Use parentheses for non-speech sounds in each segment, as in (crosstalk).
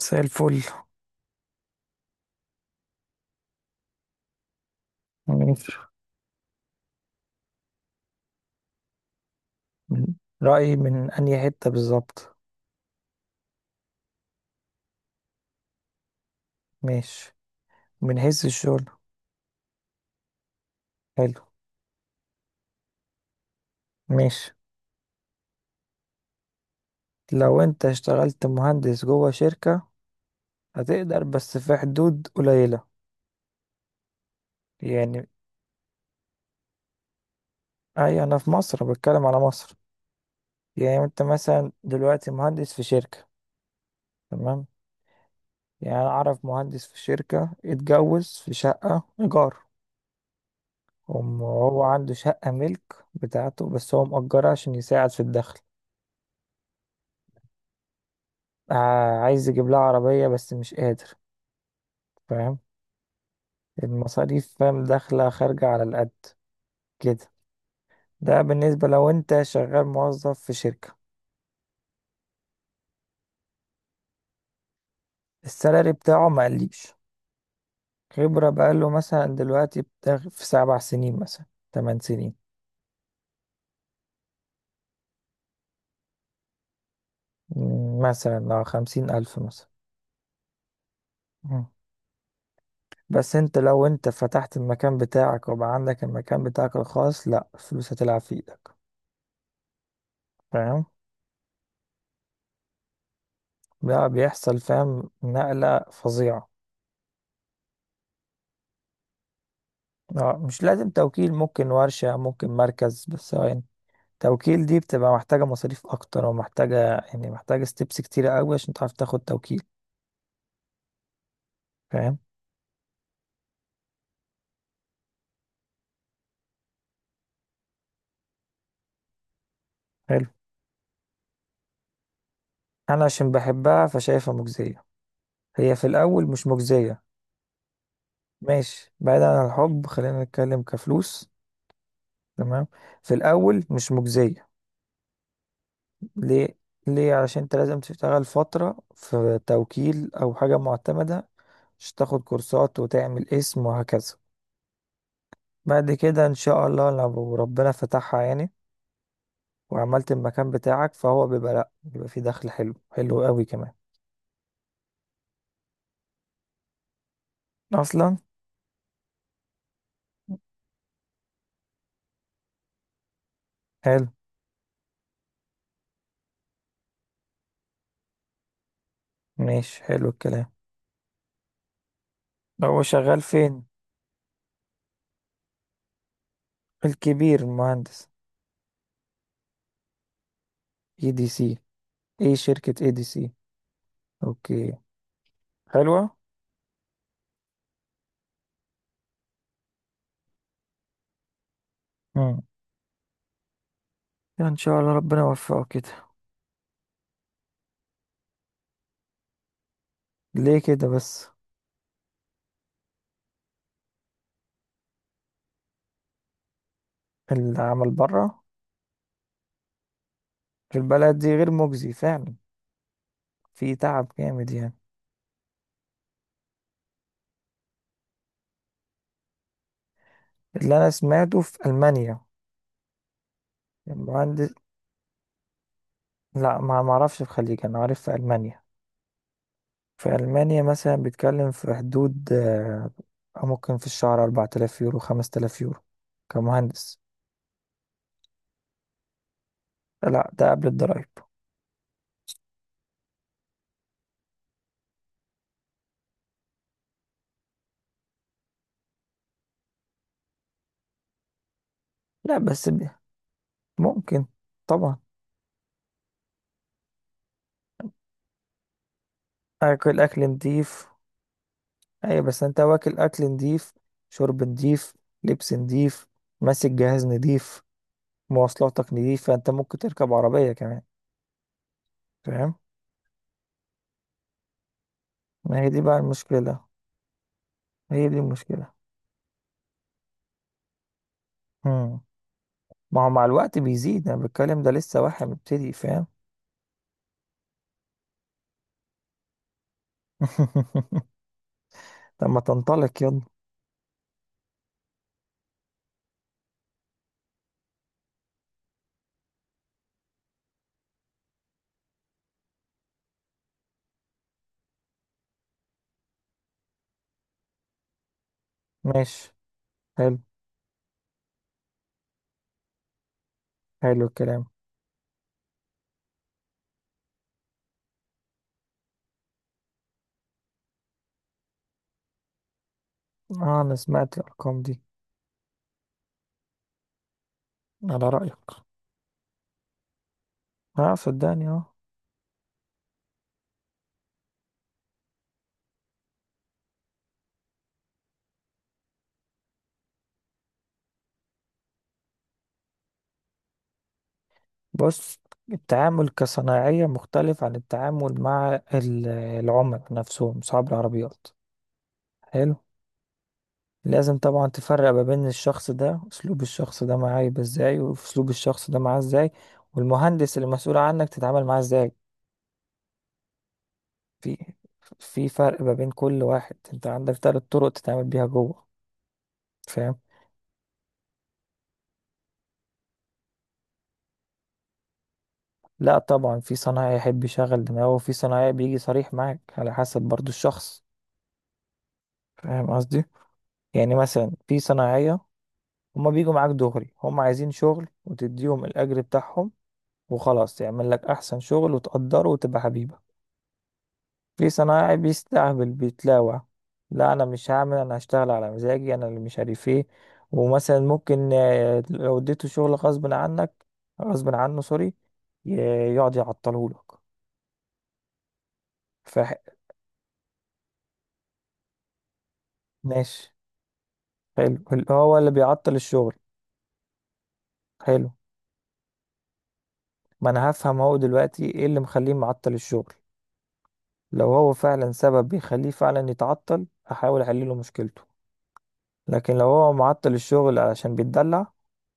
مساء الفل. ماشي. من- رأيي من أنهي حتة بالظبط؟ ماشي، من حيث الشغل. حلو. ماشي. لو أنت اشتغلت مهندس جوه شركة، هتقدر بس في حدود قليلة. يعني أي، أنا في مصر بتكلم على مصر. يعني أنت مثلا دلوقتي مهندس في شركة. تمام. يعني أنا أعرف مهندس في شركة اتجوز في شقة إيجار، وهو عنده شقة ملك بتاعته، بس هو مأجرها عشان يساعد في الدخل. عايز يجيب لها عربية بس مش قادر. فاهم؟ المصاريف، فاهم، داخلة خارجة على القد كده. ده بالنسبة لو انت شغال موظف في شركة. السالري بتاعه ما قليش. خبرة بقاله مثلا دلوقتي بتاع في 7 سنين مثلا، 8 سنين. مثلا لو 50 ألف مثلا. مم. بس انت لو انت فتحت المكان بتاعك وبقى عندك المكان بتاعك الخاص، لا، فلوس هتلعب في ايدك. فاهم؟ بقى بيحصل، فاهم، نقلة فظيعة. اه، مش لازم توكيل، ممكن ورشة، ممكن مركز، بس هو يعني توكيل دي بتبقى محتاجة مصاريف أكتر ومحتاجة يعني محتاجة ستيبس كتيرة أوي عشان تعرف تاخد توكيل. فاهم. حلو. أنا عشان بحبها فشايفها مجزية. هي في الأول مش مجزية. ماشي، بعيدا عن الحب، خلينا نتكلم كفلوس. تمام. في الأول مش مجزية. ليه؟ ليه؟ علشان أنت لازم تشتغل فترة في توكيل أو حاجة معتمدة عشان تاخد كورسات وتعمل اسم وهكذا. بعد كده ان شاء الله لو ربنا فتحها يعني، وعملت المكان بتاعك، فهو بيبقى، لا بيبقى فيه دخل حلو، حلو قوي كمان. اصلا. حلو. ماشي، حلو الكلام. هو شغال فين؟ الكبير مهندس. اي دي سي؟ ايه شركة اي دي سي؟ اوكي. حلوة. امم. ان شاء الله ربنا يوفقه كده. ليه كده بس؟ العمل بره؟ في البلد دي غير مجزي فعلا. في تعب جامد يعني. اللي انا سمعته في المانيا. المهندس. لا، ما اعرفش في الخليج، انا عارف في المانيا. في المانيا مثلا بيتكلم في حدود ممكن في الشهر 4000 يورو، 5000 يورو، كمهندس. لا، ده قبل الضرايب. لا بس ممكن. طبعا. اكل، اكل نضيف. اي، بس انت واكل، اكل نضيف. شرب نضيف. لبس نضيف. ماسك جهاز نضيف. مواصلاتك نضيفة، انت ممكن تركب عربية كمان. فاهم. ما هي دي بقى المشكلة. هي دي المشكلة. مم. ما هو مع الوقت بيزيد، انا بتكلم ده لسه واحد مبتدئ. فاهم. (laughs) طب ما تنطلق يلا. ماشي. حلو. حلو الكلام. اه، انا سمعت الارقام دي. على رأيك. اه صدقني، اه. بص، التعامل كصناعية مختلف عن التعامل مع العملاء نفسهم، صحاب العربيات. حلو. لازم طبعا تفرق ما بين الشخص ده، اسلوب الشخص ده معاه يبقى ازاي، واسلوب الشخص ده معاه ازاي، والمهندس اللي مسؤول عنك تتعامل معاه ازاي. في في فرق ما بين كل واحد. انت عندك 3 طرق تتعامل بيها جوه. فاهم. لا طبعا، في صنايعي يحب يشغل دماغه، وفي صنايعي بيجي صريح معاك، على حسب برضو الشخص. فاهم قصدي؟ يعني مثلا في صنايعية هما بيجوا معاك دغري، هما عايزين شغل وتديهم الأجر بتاعهم وخلاص، يعمل لك أحسن شغل وتقدره وتبقى حبيبه. في صنايعي بيستهبل، بيتلاوع. لا انا مش هعمل، انا هشتغل على مزاجي انا اللي مش عارف ايه. ومثلا ممكن لو اديته شغل غصب عنك، غصب عنه، سوري، ي- يقعد يعطلهولك. ف ماشي. حلو، هو اللي بيعطل الشغل. حلو. ما انا هفهم هو دلوقتي ايه اللي مخليه معطل الشغل. لو هو فعلا سبب بيخليه فعلا يتعطل، احاول احل له مشكلته. لكن لو هو معطل الشغل علشان بيتدلع،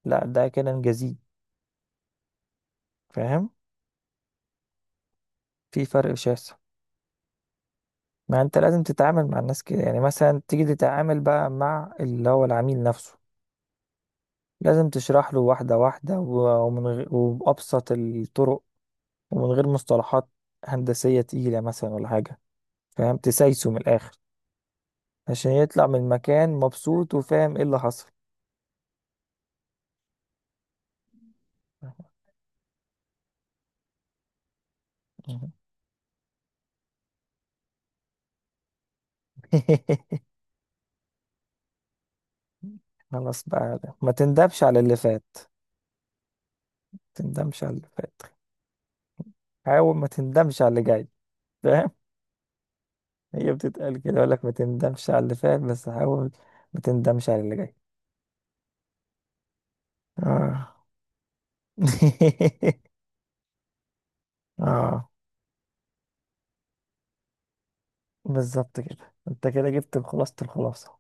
لا، ده كده نجازيه. فاهم. في فرق شاسع. ما انت لازم تتعامل مع الناس كده. يعني مثلا تيجي تتعامل بقى مع اللي هو العميل نفسه، لازم تشرح له واحدة واحدة، ومن غير، وبأبسط الطرق، ومن غير مصطلحات هندسية تقيلة مثلا ولا حاجة. فاهم؟ تسايسه من الآخر عشان يطلع من المكان مبسوط وفاهم ايه اللي حصل. (laughs) خلاص بقى، ما تندمش على اللي فات. ما تندمش على اللي فات. حاول ما تندمش على اللي جاي. فاهم. هي بتتقال كده، يقول لك ما تندمش على اللي فات، بس حاول ما تندمش على اللي جاي. اه. (laughs) اه. بالظبط كده، انت كده جبت خلاصة الخلاصة.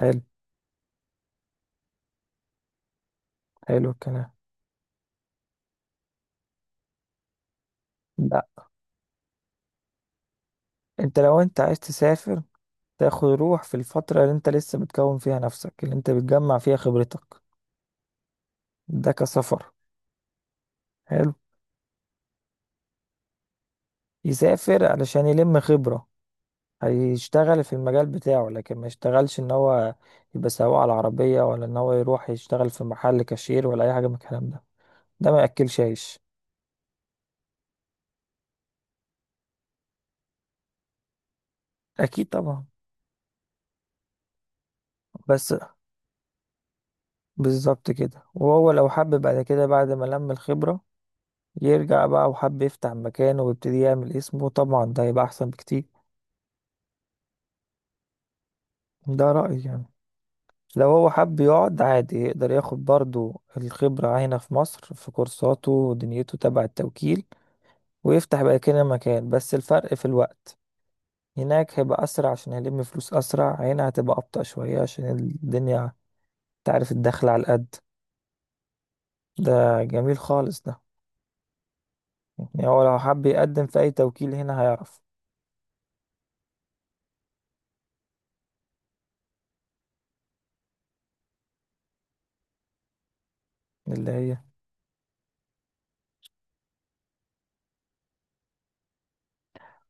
حلو. حلو الكلام. لا، انت لو انت عايز تسافر، تاخد روح في الفترة اللي انت لسه بتكون فيها نفسك، اللي انت بتجمع فيها خبرتك. ده كسفر. حلو. يسافر علشان يلم خبرة. هيشتغل في المجال بتاعه، لكن ما يشتغلش ان هو يبقى سواق على العربية، ولا ان هو يروح يشتغل في محل كاشير ولا اي حاجة من الكلام ده. ده ما ياكلش عيش. اكيد طبعا. بس بالظبط كده. وهو لو حب بعد كده، بعد ما لم الخبرة، يرجع بقى وحب يفتح مكانه ويبتدي يعمل اسمه، طبعا ده هيبقى احسن بكتير. ده رأيي يعني. لو هو حب يقعد عادي، يقدر ياخد برضو الخبرة هنا في مصر في كورساته ودنيته تبع التوكيل، ويفتح بقى كده مكان، بس الفرق في الوقت. هناك هيبقى أسرع عشان هيلم فلوس أسرع، هنا هتبقى أبطأ شوية عشان الدنيا، تعرف، الدخل على القد. ده جميل خالص ده. يعني هو لو حب يقدم في أي توكيل هنا هيعرف. اللي هي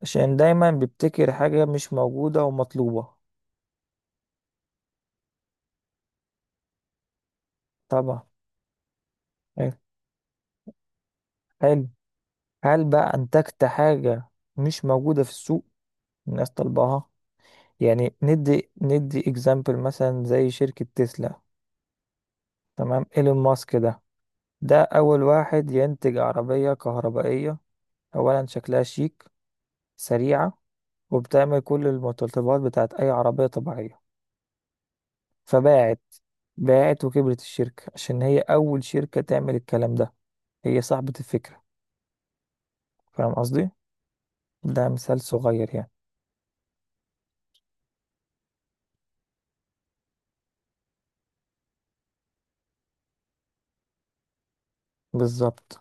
عشان دايما بيبتكر حاجة مش موجودة ومطلوبة. طبعا. حلو. حلو. هل بقى أنتجت حاجة مش موجودة في السوق، الناس طالباها؟ يعني ندي اكزامبل مثلا زي شركة تسلا. تمام، ايلون ماسك ده. ده أول واحد ينتج عربية كهربائية. أولا شكلها شيك، سريعة، وبتعمل كل المتطلبات بتاعت أي عربية طبيعية، فباعت. باعت وكبرت الشركة عشان هي أول شركة تعمل الكلام ده، هي صاحبة الفكرة. فاهم قصدي؟ ده مثال صغير يعني. بالظبط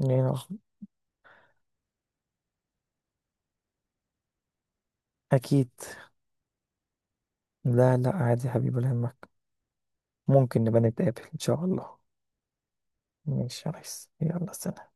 يعني. أكيد. لا لا، عادي يا حبيبي، ولا يهمك. ممكن نبقى نتقابل إن شاء الله. ماشي يا ريس، يلا سلام.